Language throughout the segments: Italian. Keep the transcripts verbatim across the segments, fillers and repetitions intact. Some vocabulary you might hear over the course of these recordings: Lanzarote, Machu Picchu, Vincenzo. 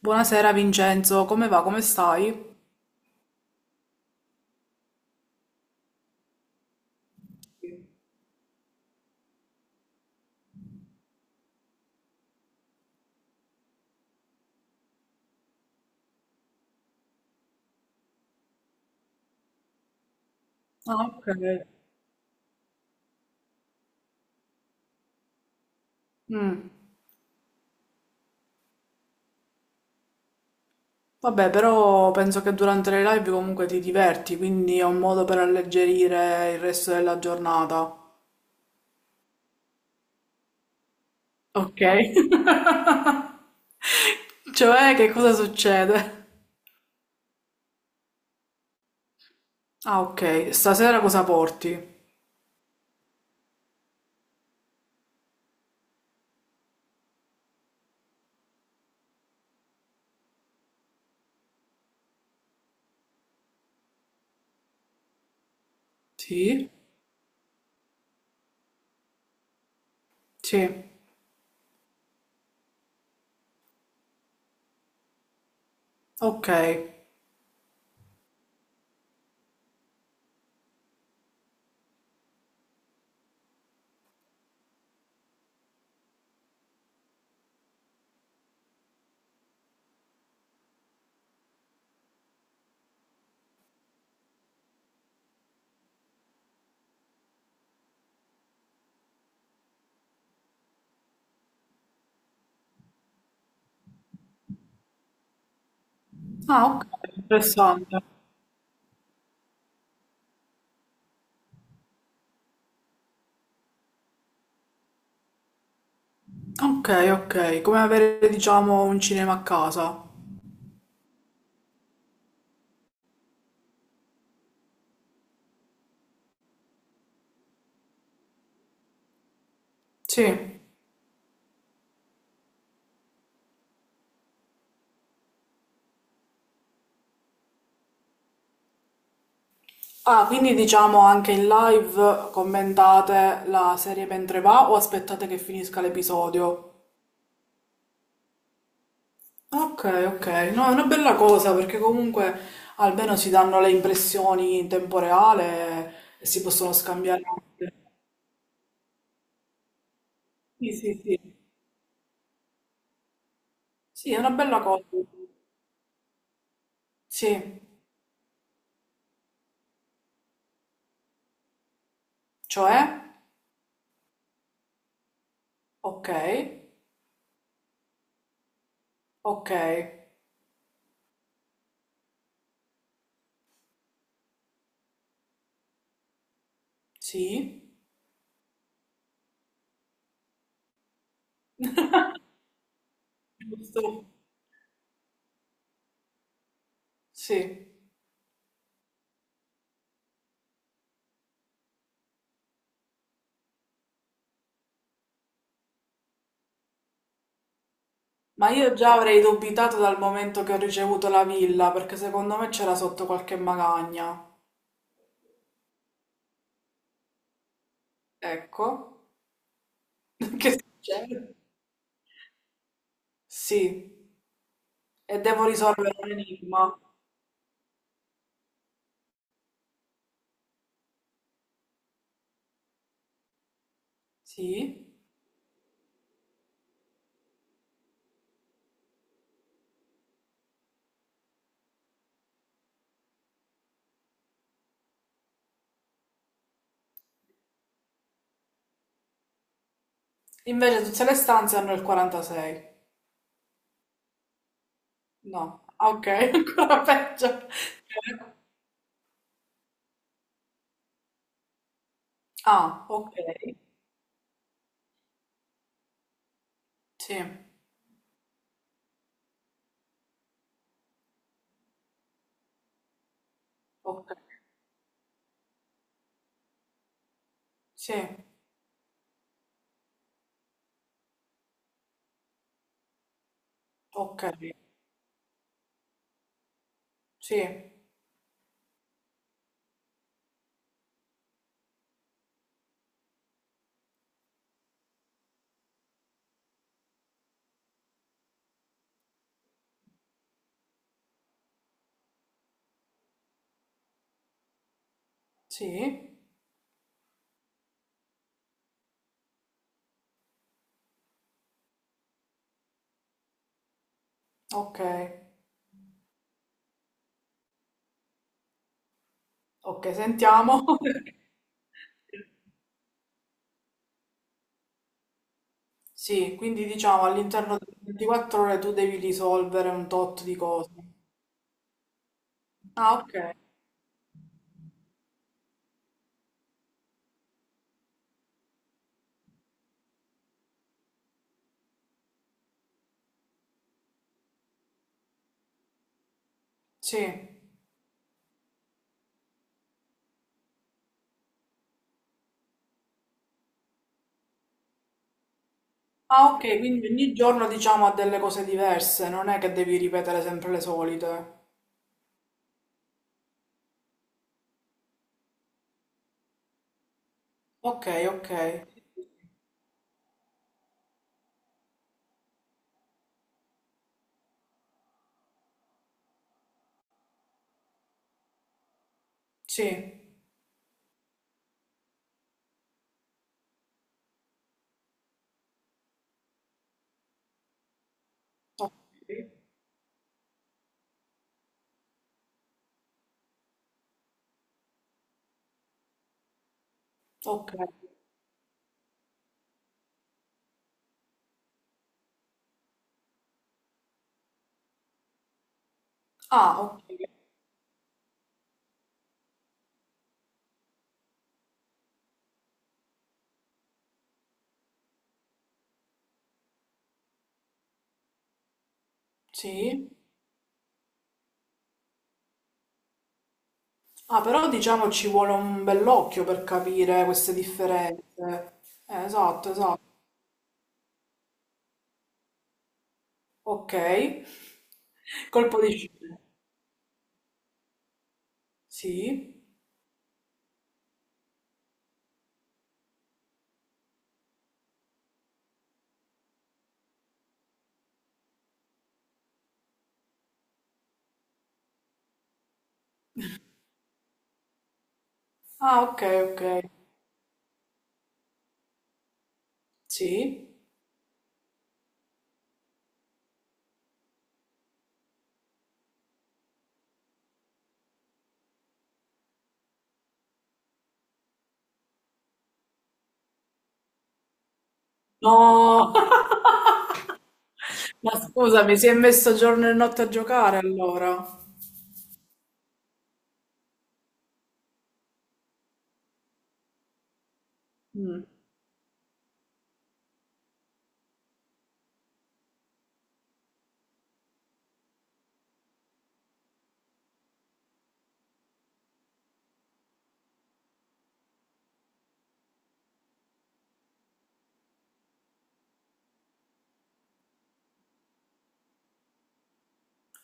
Buonasera Vincenzo, come va? Come stai? Ah, ok. Mm. Vabbè, però penso che durante le live comunque ti diverti, quindi è un modo per alleggerire il resto della giornata. Ok. Cioè, che cosa succede? Ah, ok. Stasera cosa porti? Sì? Sì. Ok. Ah, ok. Interessante. Ok, ok. Come avere, diciamo, un cinema a casa. Sì. Ah, quindi diciamo anche in live commentate la serie mentre va o aspettate che finisca l'episodio? Ok, ok, no, è una bella cosa perché comunque almeno si danno le impressioni in tempo reale e si possono scambiare anche. Sì, sì, sì. Sì, è una bella cosa. Sì, cioè, ok, ok, sì, giusto, sì. Ma io già avrei dubitato dal momento che ho ricevuto la villa, perché secondo me c'era sotto qualche magagna. Ecco. Che succede? Sì. E devo risolvere un enigma. Sì. Invece tutte le stanze hanno il quarantasei. No. Ah, ok, ancora peggio. Ah, ok. Sì. Ok. Sì. Ok. Sì. Sì. Ok. Ok, sentiamo. Sì, quindi diciamo all'interno delle ventiquattro ore tu devi risolvere un tot di cose. Ah, ok. Sì. Ah, ok, quindi ogni giorno diciamo ha delle cose diverse, non è che devi ripetere sempre le solite. Ok, ok. Sì. Ok. Ok. Ah, ok. Sì. Ah, però diciamo ci vuole un bell'occhio per capire queste differenze. Eh, esatto, esatto. Ok. Colpo di scena. Sì. Ah, ok, ok. Sì? No! Ma scusami, si è messo giorno e notte a giocare allora. Mm.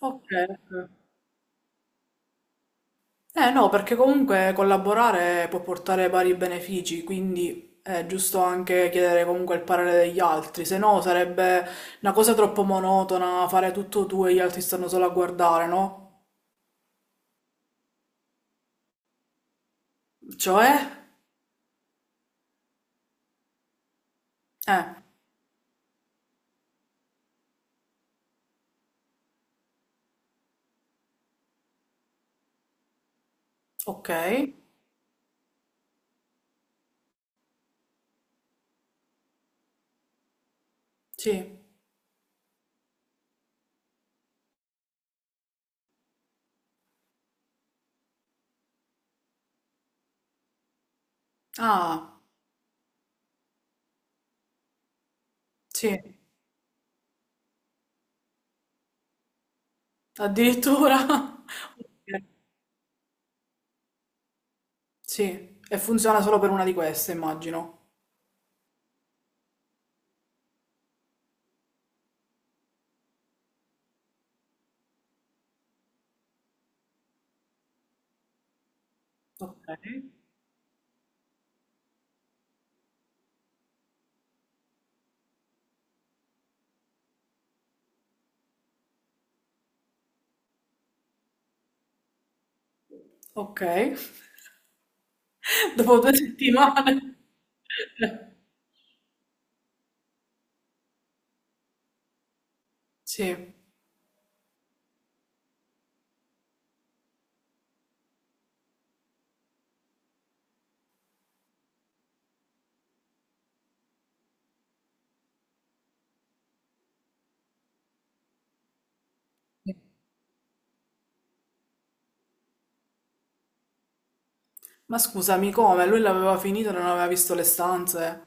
Ok, ok. Eh no, perché comunque collaborare può portare vari benefici, quindi è giusto anche chiedere comunque il parere degli altri, se no sarebbe una cosa troppo monotona fare tutto tu e gli altri stanno solo a guardare, no? Cioè? Eh, ok. Sì. Ah, sì. Addirittura. Ok. Sì, e funziona solo per una di queste, immagino. Okay, okay. Dopo due settimane. Sì. Ma scusami, come? Lui l'aveva finito e non aveva visto le stanze?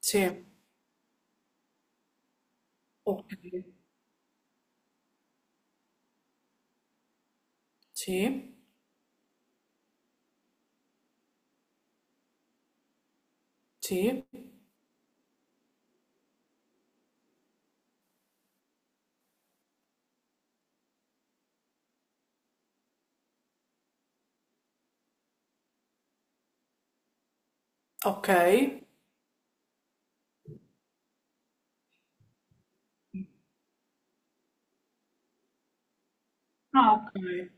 Sì. Okay. Sì, sì, okay. Ah, okay,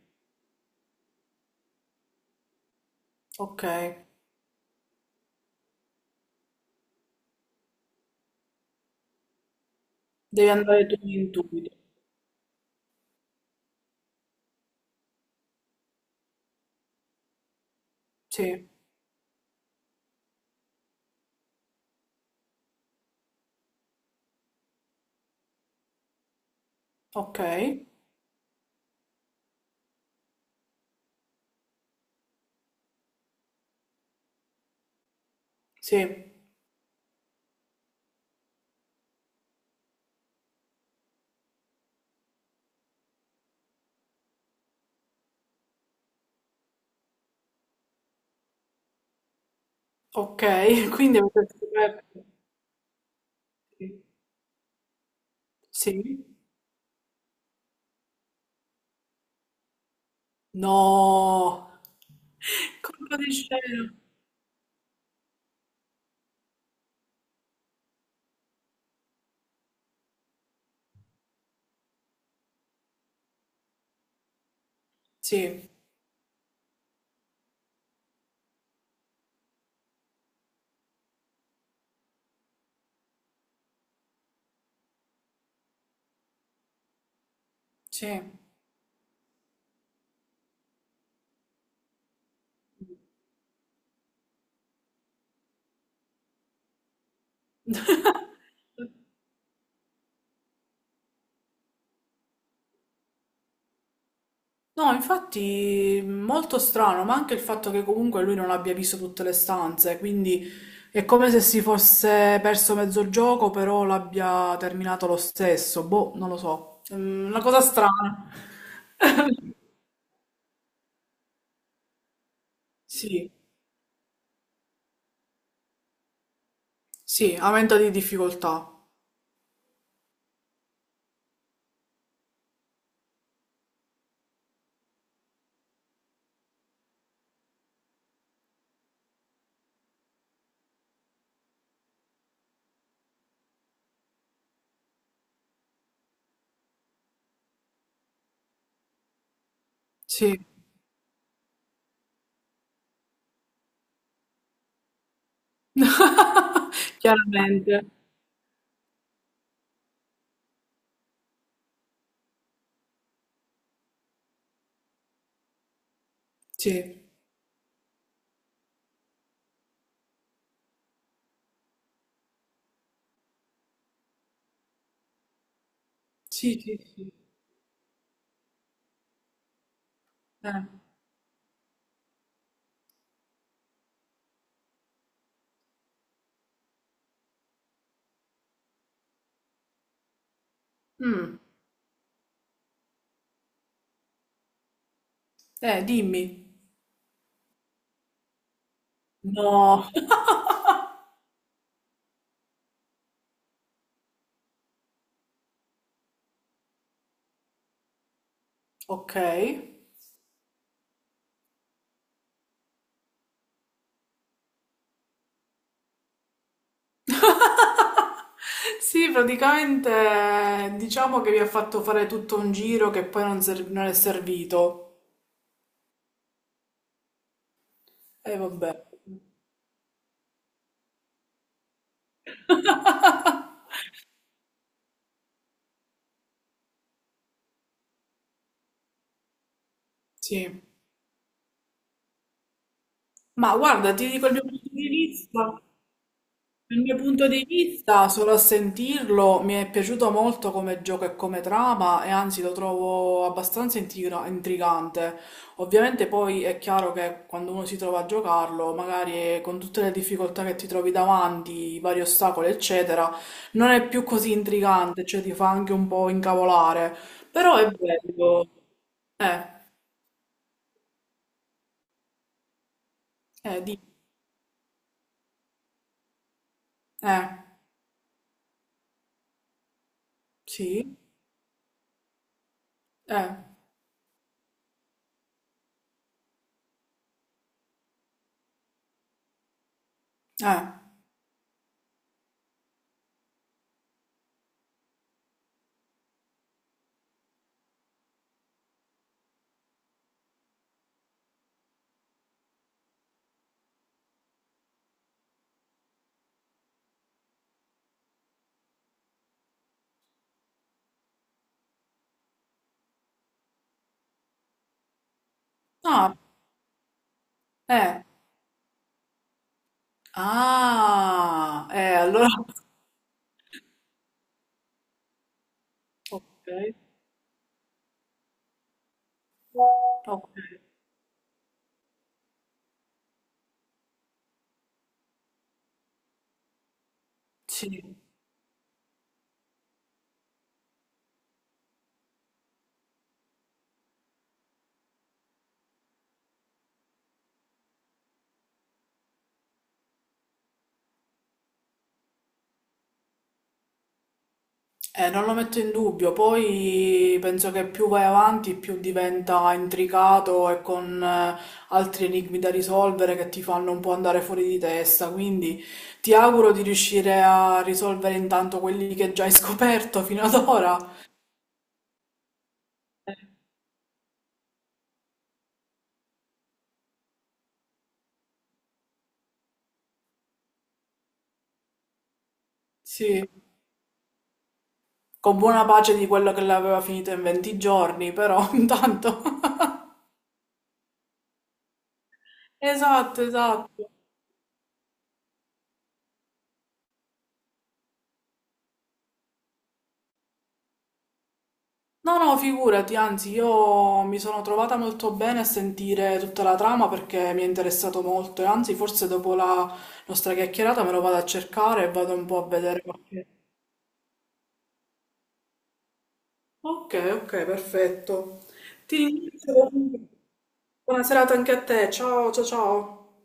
okay. Devi andare tu in intuito. Sì, okay, sì, okay. Quindi avete scoperto sì. Sì? No! Colpo di scena! Sì, sì. No, infatti molto strano, ma anche il fatto che comunque lui non abbia visto tutte le stanze, quindi è come se si fosse perso mezzo gioco, però l'abbia terminato lo stesso. Boh, non lo so. Mm, una cosa strana. Sì, sì, aumento di difficoltà. Sì. Chiaramente. Sì, sì, sì, sì. Eh. Mm. Eh, dimmi. No. Ok. Sì, praticamente eh, diciamo che mi ha fatto fare tutto un giro che poi non, ser- non è servito. E vabbè. Sì. Ma guarda, ti dico il mio punto di vista. Dal mio punto di vista, solo a sentirlo mi è piaciuto molto come gioco e come trama e anzi lo trovo abbastanza intriga- intrigante. Ovviamente poi è chiaro che quando uno si trova a giocarlo, magari con tutte le difficoltà che ti trovi davanti, i vari ostacoli, eccetera, non è più così intrigante, cioè ti fa anche un po' incavolare. Però è bello. Eh, eh, di, eh, sì, eh, eh, ah, eh. Ah, eh, allora... Ok, ok, sì, eh, non lo metto in dubbio, poi penso che più vai avanti più diventa intricato e con eh, altri enigmi da risolvere che ti fanno un po' andare fuori di testa, quindi ti auguro di riuscire a risolvere intanto quelli che già hai scoperto fino ad ora, sì, con buona pace di quello che l'aveva finito in venti giorni, però intanto... Esatto, esatto. No, no, figurati, anzi, io mi sono trovata molto bene a sentire tutta la trama perché mi è interessato molto e anzi, forse dopo la nostra chiacchierata me lo vado a cercare e vado un po' a vedere qualche... Ok, ok, perfetto. Ti ringrazio comunque. Buona serata anche a te. Ciao, ciao, ciao.